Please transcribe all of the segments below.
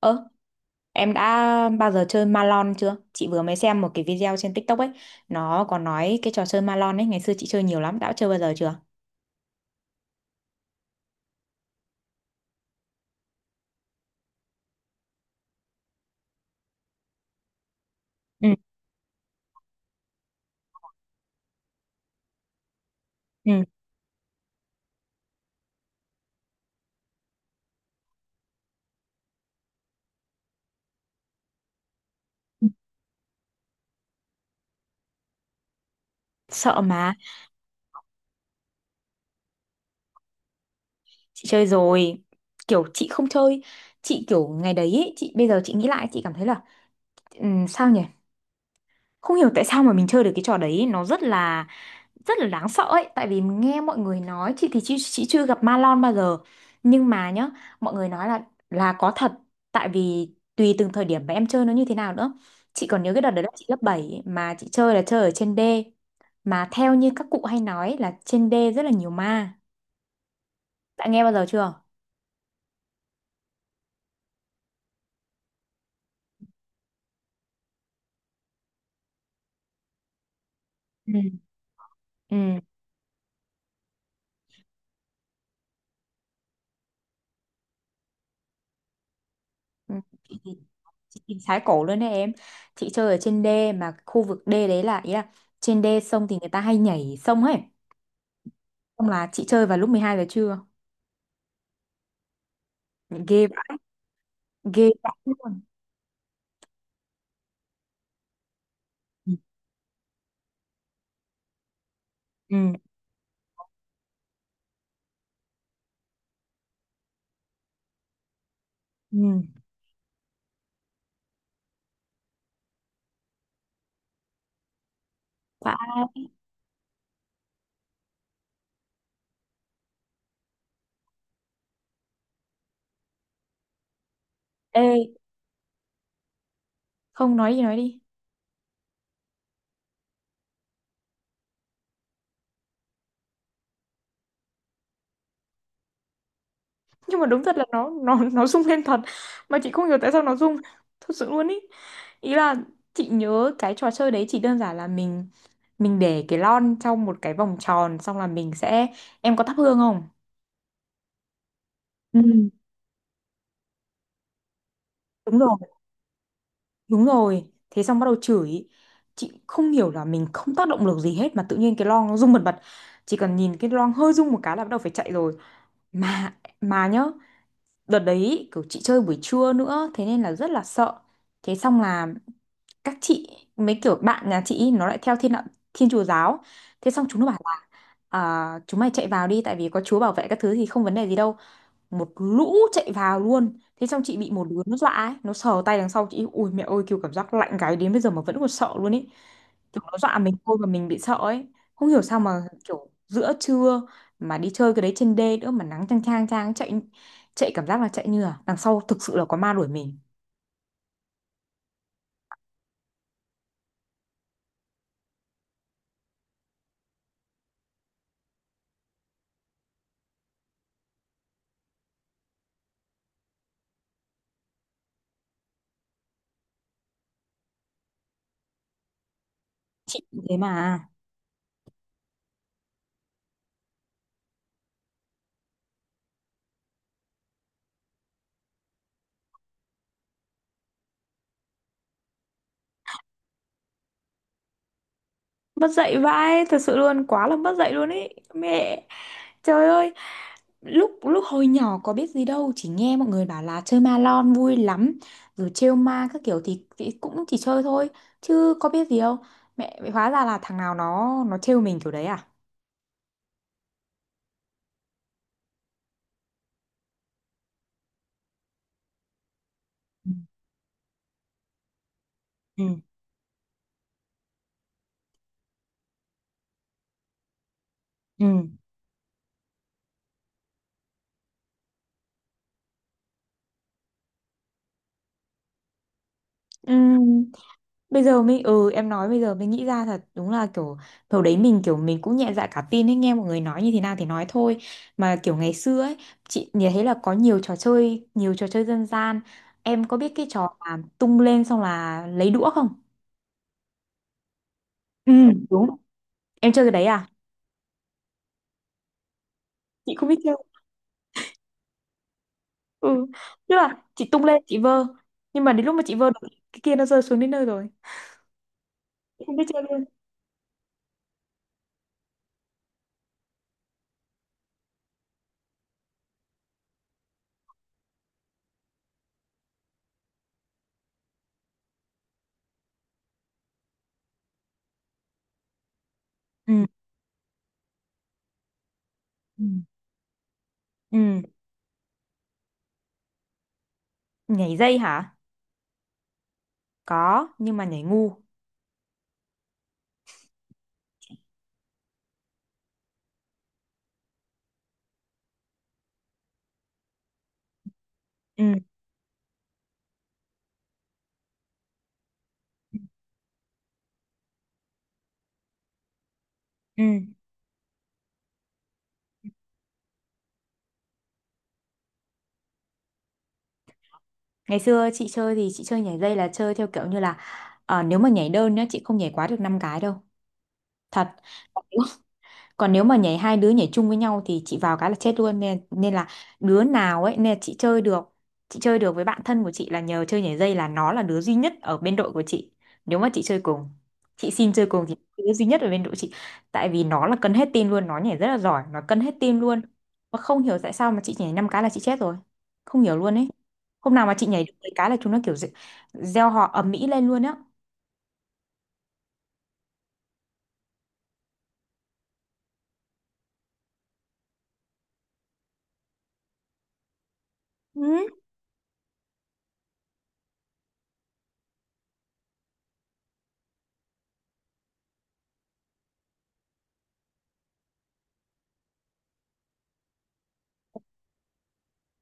Ơ, em đã bao giờ chơi Malon chưa? Chị vừa mới xem một cái video trên TikTok ấy, nó có nói cái trò chơi Malon ấy, ngày xưa chị chơi nhiều lắm, đã chơi bao giờ chưa? Ừ, ừ. Sợ mà, chị chơi rồi, kiểu chị không chơi, chị kiểu ngày đấy ấy, chị bây giờ chị nghĩ lại chị cảm thấy là sao nhỉ? Không hiểu tại sao mà mình chơi được cái trò đấy, nó rất là đáng sợ ấy, tại vì mình nghe mọi người nói. Chị thì chị chưa gặp ma lon bao giờ, nhưng mà nhá, mọi người nói là có thật, tại vì tùy từng thời điểm mà em chơi nó như thế nào nữa. Chị còn nhớ cái đợt đấy là chị lớp 7 mà chị chơi là chơi ở trên đê, mà theo như các cụ hay nói là trên đê rất là nhiều ma. Đã nghe bao giờ chưa? Ừ. Ừ. Ừ. chị thì- chị thì sái cổ luôn đấy em. Chị chơi ở trên đê mà khu vực đê đấy là, ý là trên đê sông thì người ta hay nhảy sông ấy, xong là chị chơi vào lúc 12 giờ trưa. Ghê. Ghê dã luôn. Ừ. Ừ. Ừ. Quả ê, không nói gì nói đi. Nhưng mà đúng thật là nó rung lên thật, mà chị không hiểu tại sao nó rung, thật sự luôn ý. Ý là chị nhớ cái trò chơi đấy chỉ đơn giản là mình để cái lon trong một cái vòng tròn, xong là mình sẽ, em có thắp hương không? Ừ. Đúng rồi. Đúng rồi, thế xong bắt đầu chửi. Chị không hiểu là mình không tác động được gì hết mà tự nhiên cái lon nó rung bần bật, chỉ cần nhìn cái lon hơi rung một cái là bắt đầu phải chạy rồi. Mà mà nhá, đợt đấy kiểu chị chơi buổi trưa nữa thế nên là rất là sợ. Thế xong là các chị, mấy kiểu bạn nhà chị ý, nó lại theo thiên đạo, thiên chúa giáo. Thế xong chúng nó bảo là à, chúng mày chạy vào đi, tại vì có chúa bảo vệ các thứ thì không vấn đề gì đâu. Một lũ chạy vào luôn, thế xong chị bị một đứa nó dọa ấy, nó sờ tay đằng sau chị, ui mẹ ơi, kiểu cảm giác lạnh gáy đến bây giờ mà vẫn còn sợ luôn ấy. Kiểu nó dọa mình thôi mà mình bị sợ ấy. Không hiểu sao mà kiểu giữa trưa mà đi chơi cái đấy trên đê nữa mà nắng chang chang chang. Chạy, chạy cảm giác là chạy như là đằng sau thực sự là có ma đuổi mình. Chị cũng thế mà. Mất dạy vãi, thật sự luôn, quá là mất dạy luôn ý. Mẹ. Trời ơi. Lúc lúc hồi nhỏ có biết gì đâu, chỉ nghe mọi người bảo là chơi ma lon vui lắm, rồi trêu ma các kiểu thì, cũng chỉ chơi thôi, chứ có biết gì đâu. Mẹ mẹ hóa ra là thằng nào nó trêu mình kiểu đấy à. Ừ. Ừ. Ừ. Ừ. Bây giờ mình, ừ, em nói bây giờ mình nghĩ ra thật đúng là kiểu hồi đấy mình kiểu mình cũng nhẹ dạ cả tin ấy, nghe mọi người nói như thế nào thì nói thôi. Mà kiểu ngày xưa ấy, chị nhìn thấy là có nhiều trò chơi dân gian. Em có biết cái trò mà tung lên xong là lấy đũa không? Ừ. Đúng. Em chơi cái đấy à? Chị không biết chơi. Ừ, tức là chị tung lên chị vơ, nhưng mà đến lúc mà chị vơ được cái kia nó rơi xuống đến nơi rồi. Chị không biết chơi luôn. Ừ. Ừ. Ừ. Nhảy dây hả? Có, nhưng mà nhảy ngu. Ừ. Ừ. Ngày xưa chị chơi thì chị chơi nhảy dây là chơi theo kiểu như là nếu mà nhảy đơn nhá chị không nhảy quá được 5 cái đâu. Thật. Còn nếu mà nhảy hai đứa nhảy chung với nhau thì chị vào cái là chết luôn, nên nên là đứa nào ấy, nên là chị chơi được. Chị chơi được với bạn thân của chị là nhờ chơi nhảy dây, là nó là đứa duy nhất ở bên đội của chị, nếu mà chị chơi cùng, chị xin chơi cùng thì đứa duy nhất ở bên đội chị, tại vì nó là cân hết tim luôn, nó nhảy rất là giỏi, nó cân hết tim luôn. Mà không hiểu tại sao mà chị nhảy năm cái là chị chết rồi, không hiểu luôn ấy. Hôm nào mà chị nhảy được mấy cái là chúng nó kiểu gieo họ ầm ĩ lên luôn á. Ừ.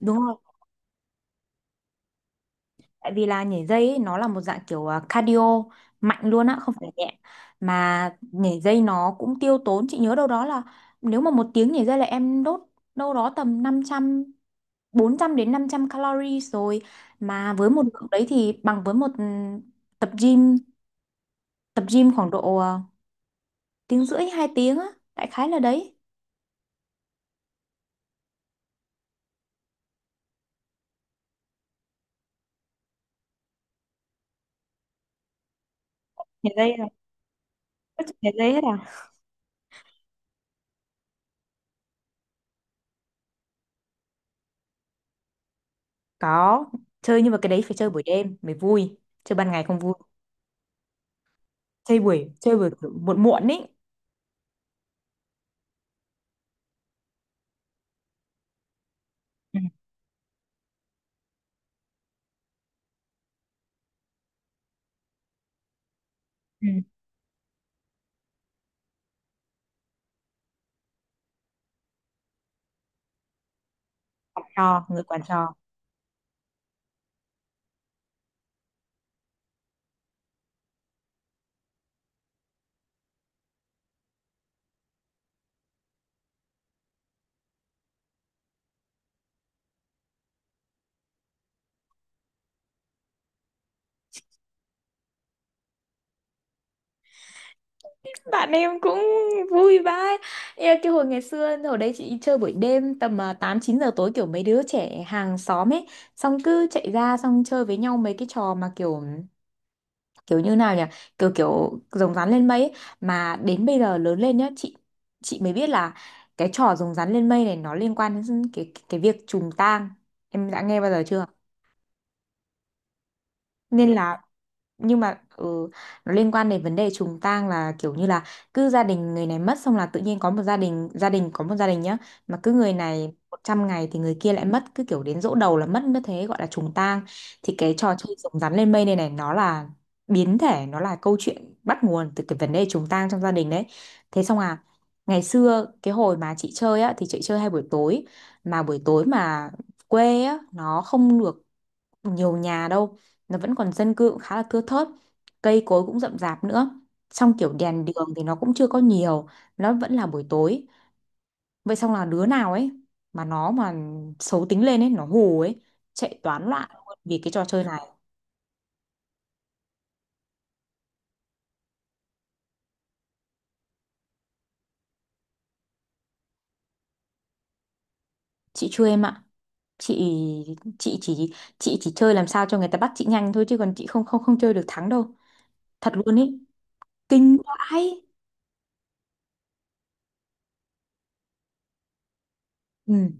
Đúng rồi, tại vì là nhảy dây ấy, nó là một dạng kiểu cardio, mạnh luôn á không phải nhẹ. Mà nhảy dây nó cũng tiêu tốn, chị nhớ đâu đó là nếu mà 1 tiếng nhảy dây là em đốt đâu đó tầm năm trăm 400 đến 500 calories rồi. Mà với một lượng đấy thì bằng với một tập gym, tập gym khoảng độ 1 tiếng rưỡi 2 tiếng á, đại khái là đấy. Nhảy dây là có chụp nhảy dây hết à? Có chơi nhưng mà cái đấy phải chơi buổi đêm mới vui, chơi ban ngày không vui. Chơi buổi muộn muộn ý. Ừ. Ừ. Cho người quản trò. Bạn em cũng vui vãi. Ê, cái hồi ngày xưa hồi đấy chị đi chơi buổi đêm tầm 8 9 giờ tối, kiểu mấy đứa trẻ hàng xóm ấy, xong cứ chạy ra xong chơi với nhau mấy cái trò mà kiểu, kiểu như nào nhỉ, kiểu kiểu rồng rắn lên mây ấy. Mà đến bây giờ lớn lên nhá, chị mới biết là cái trò rồng rắn lên mây này nó liên quan đến cái việc trùng tang. Em đã nghe bao giờ chưa? Nên là, nhưng mà nó liên quan đến vấn đề trùng tang, là kiểu như là cứ gia đình người này mất xong là tự nhiên có một gia đình, có một gia đình nhá, mà cứ người này 100 ngày thì người kia lại mất, cứ kiểu đến giỗ đầu là mất, như thế gọi là trùng tang. Thì cái trò chơi rồng rắn lên mây này này nó là biến thể, nó là câu chuyện bắt nguồn từ cái vấn đề trùng tang trong gia đình đấy. Thế xong à, ngày xưa cái hồi mà chị chơi á thì chị chơi hay buổi tối. Mà buổi tối mà quê á nó không được nhiều nhà đâu, nó vẫn còn dân cư cũng khá là thưa thớt, cây cối cũng rậm rạp nữa, xong kiểu đèn đường thì nó cũng chưa có nhiều, nó vẫn là buổi tối. Vậy xong là đứa nào ấy, mà nó xấu tính lên ấy nó hù ấy, chạy toán loạn luôn vì cái trò chơi này. Chị chưa em ạ. Chị chị chỉ chị chỉ chơi làm sao cho người ta bắt chị nhanh thôi, chứ còn chị không không không chơi được thắng đâu, thật luôn ấy. Kinh vãi. Ừ.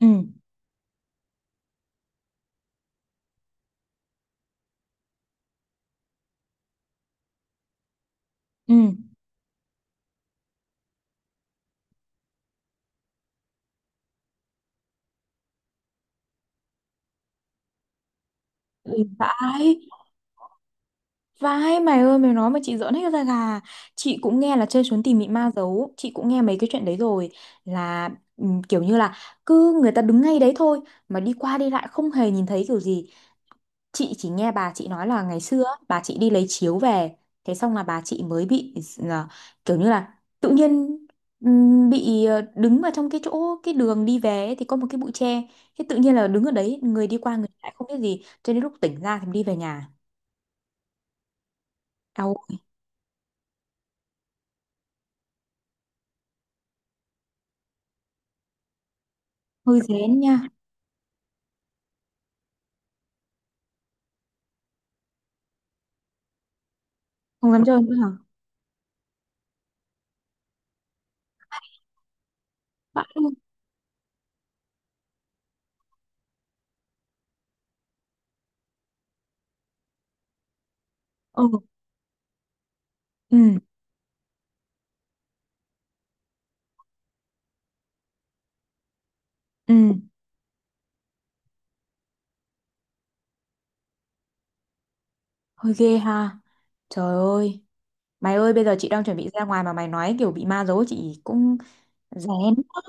Ừ. Ừ. Kinh vãi. Vãi mày ơi, mày nói mà chị giỡn hết da gà. Chị cũng nghe là chơi trốn tìm bị ma giấu, chị cũng nghe mấy cái chuyện đấy rồi. Là kiểu như là cứ người ta đứng ngay đấy thôi mà đi qua đi lại không hề nhìn thấy kiểu gì. Chị chỉ nghe bà chị nói là ngày xưa á, bà chị đi lấy chiếu về, thế xong là bà chị mới bị là, kiểu như là tự nhiên bị đứng vào trong cái chỗ cái đường đi về ấy, thì có một cái bụi tre, thế tự nhiên là đứng ở đấy, người đi qua người lại không biết gì cho đến lúc tỉnh ra thì đi về nhà. Đau. Hơi rén nha. Không dám chơi nữa hả? Vãi luôn. Ừ. Ừ. Ừ. Hơi ghê ha. Trời ơi. Mày ơi, bây giờ chị đang chuẩn bị ra ngoài mà mày nói kiểu bị ma giấu, chị cũng rén quá.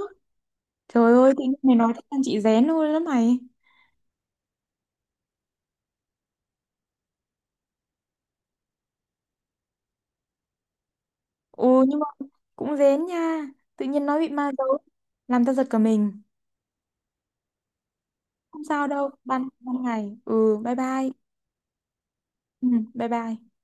Trời ơi, tự nhiên mày nói thế làm chị rén luôn đó mày. Ồ, nhưng mà cũng rén nha, tự nhiên nói bị ma giấu làm tao giật cả mình. Không sao đâu, ban ban ngày. Ừ, bye bye. Ừ, bye bye.